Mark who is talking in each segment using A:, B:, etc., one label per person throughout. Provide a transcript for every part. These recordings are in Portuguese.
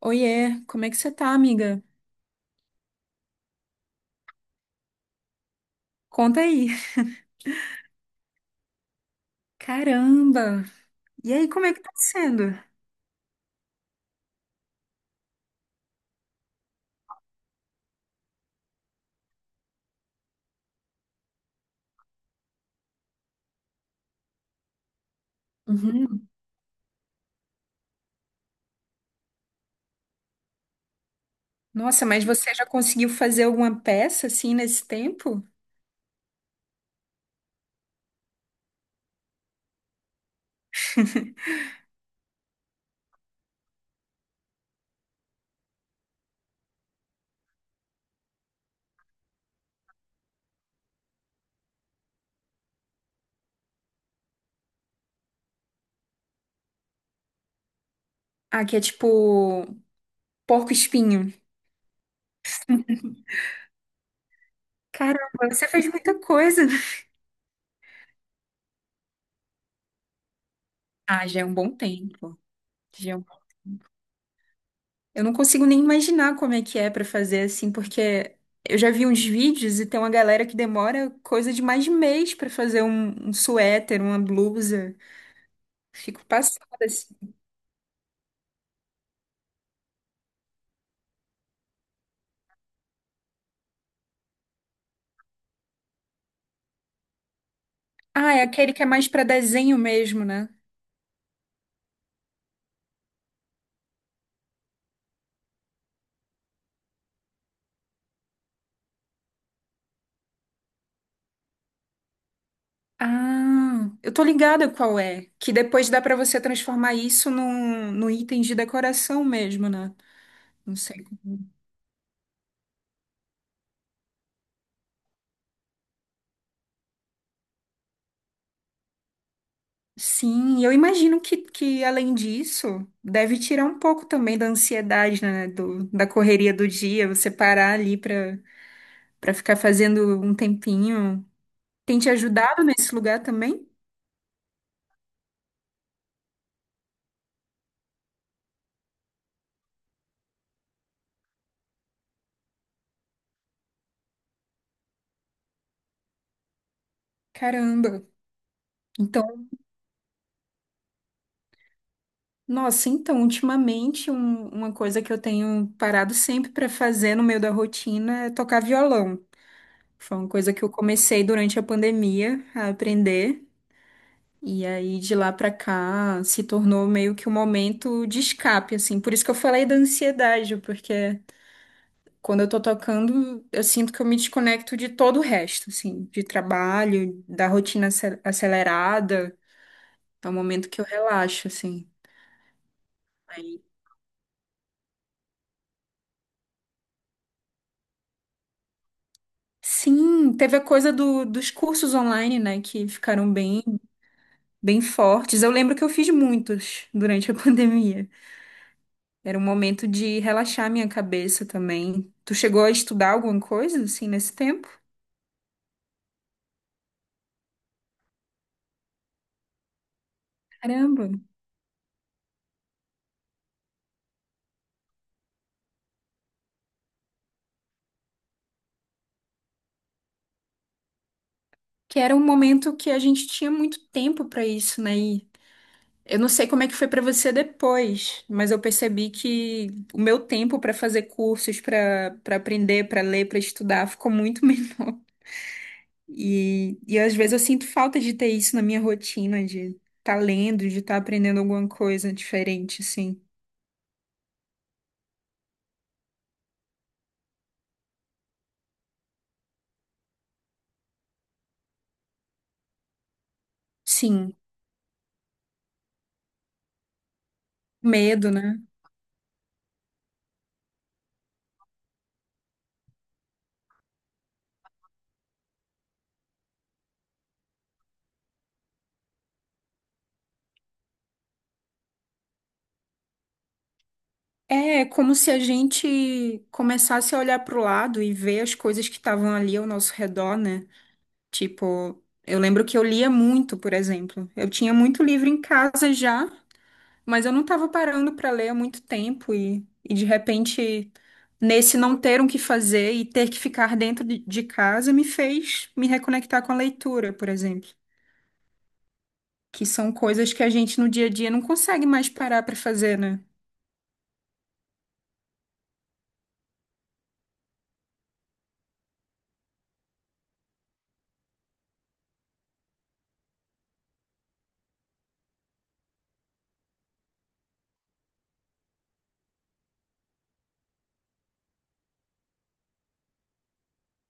A: Oiê, como é que você tá, amiga? Conta aí. Caramba! E aí, como é que tá sendo? Uhum. Nossa, mas você já conseguiu fazer alguma peça assim nesse tempo? Ah, que é tipo porco-espinho. Caramba, você fez muita coisa. Ah, já é um bom tempo. Já é eu não consigo nem imaginar como é que é pra fazer assim, porque eu já vi uns vídeos e tem uma galera que demora coisa de mais de mês pra fazer um suéter, uma blusa. Fico passada assim. Ah, é aquele que é mais pra desenho mesmo, né? Ah, eu tô ligada qual é, que depois dá pra você transformar isso num item de decoração mesmo, né? Não sei. Sim, eu imagino que além disso, deve tirar um pouco também da ansiedade, né? Da correria do dia, você parar ali pra ficar fazendo um tempinho. Tem te ajudado nesse lugar também? Caramba. Então, nossa, então, ultimamente, uma coisa que eu tenho parado sempre para fazer no meio da rotina é tocar violão. Foi uma coisa que eu comecei durante a pandemia a aprender. E aí, de lá para cá, se tornou meio que um momento de escape, assim. Por isso que eu falei da ansiedade, porque quando eu tô tocando, eu sinto que eu me desconecto de todo o resto, assim, de trabalho, da rotina acelerada. É um momento que eu relaxo, assim. Sim, teve a coisa dos cursos online, né, que ficaram bem, bem fortes. Eu lembro que eu fiz muitos durante a pandemia. Era um momento de relaxar minha cabeça também. Tu chegou a estudar alguma coisa assim nesse tempo? Caramba, que era um momento que a gente tinha muito tempo para isso, né? E eu não sei como é que foi para você depois, mas eu percebi que o meu tempo para fazer cursos, para aprender, para ler, para estudar ficou muito menor. E às vezes eu sinto falta de ter isso na minha rotina, de estar tá lendo, de estar aprendendo alguma coisa diferente, assim. Sim, medo, né? É como se a gente começasse a olhar para o lado e ver as coisas que estavam ali ao nosso redor, né? Tipo, eu lembro que eu lia muito, por exemplo. Eu tinha muito livro em casa já, mas eu não estava parando para ler há muito tempo e de repente, nesse não ter o que fazer e ter que ficar dentro de casa, me fez me reconectar com a leitura, por exemplo, que são coisas que a gente no dia a dia não consegue mais parar para fazer, né?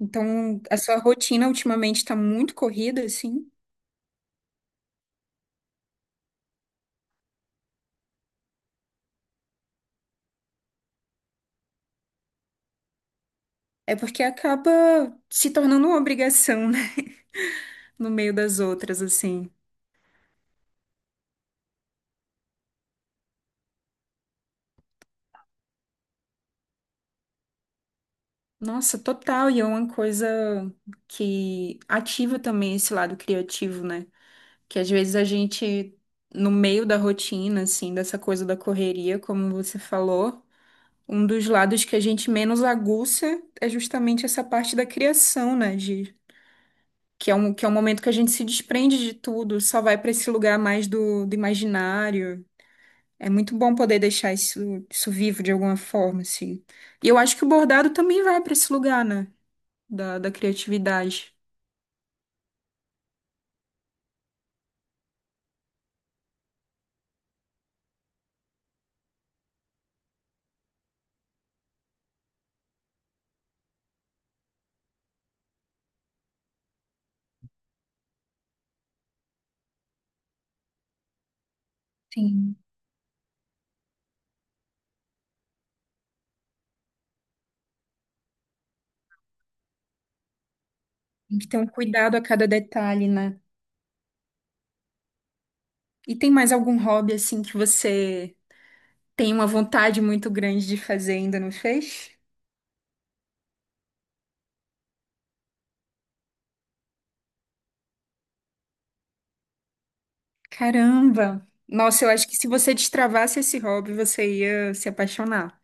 A: Então, a sua rotina ultimamente está muito corrida, assim, é porque acaba se tornando uma obrigação, né? No meio das outras, assim. Nossa, total, e é uma coisa que ativa também esse lado criativo, né? Que às vezes a gente, no meio da rotina, assim, dessa coisa da correria, como você falou, um dos lados que a gente menos aguça é justamente essa parte da criação, né? Que é um momento que a gente se desprende de tudo, só vai para esse lugar mais do imaginário. É muito bom poder deixar isso, isso vivo de alguma forma, assim. E eu acho que o bordado também vai para esse lugar, né? Da criatividade. Sim. Tem que ter um cuidado a cada detalhe, né? E tem mais algum hobby assim que você tem uma vontade muito grande de fazer e ainda não fez? Caramba! Nossa, eu acho que se você destravasse esse hobby, você ia se apaixonar.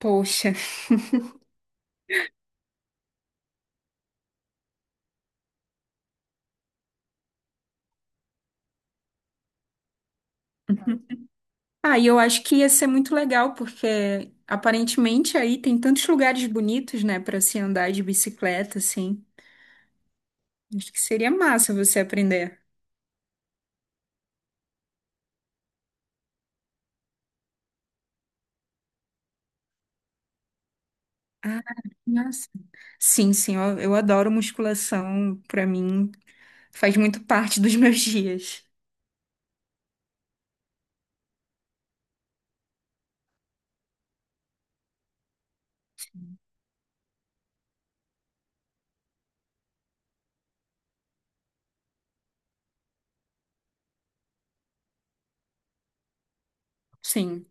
A: Poxa. Ah, e eu acho que ia ser muito legal, porque aparentemente aí tem tantos lugares bonitos, né, para se andar de bicicleta, assim. Acho que seria massa você aprender. Ah, nossa. Sim, sim, eu adoro musculação, pra mim faz muito parte dos meus dias. Sim.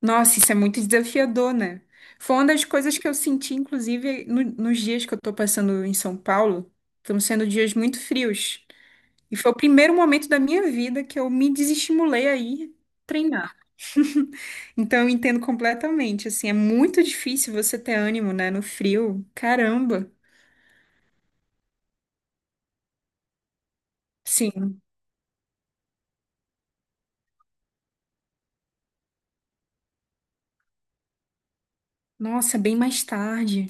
A: Nossa, isso é muito desafiador, né? Foi uma das coisas que eu senti, inclusive, nos dias que eu tô passando em São Paulo. Estão sendo dias muito frios. E foi o primeiro momento da minha vida que eu me desestimulei a ir treinar. Então, eu entendo completamente. Assim, é muito difícil você ter ânimo, né? No frio. Caramba. Sim. Nossa, bem mais tarde.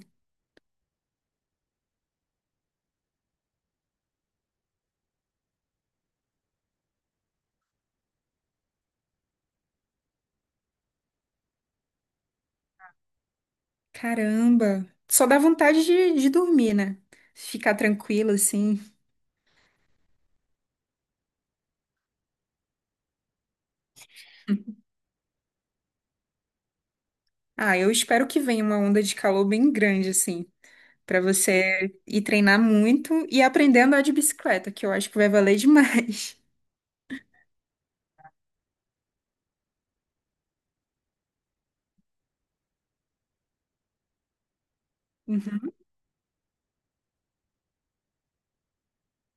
A: Caramba. Só dá vontade de dormir, né? Ficar tranquilo, assim. Ah, eu espero que venha uma onda de calor bem grande, assim, pra você ir treinar muito e aprender a andar de bicicleta, que eu acho que vai valer demais. Uhum.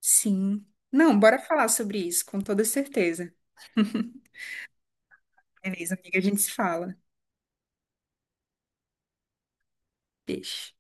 A: Sim. Não, bora falar sobre isso, com toda certeza. Beleza, amiga, a gente se fala. Beijo.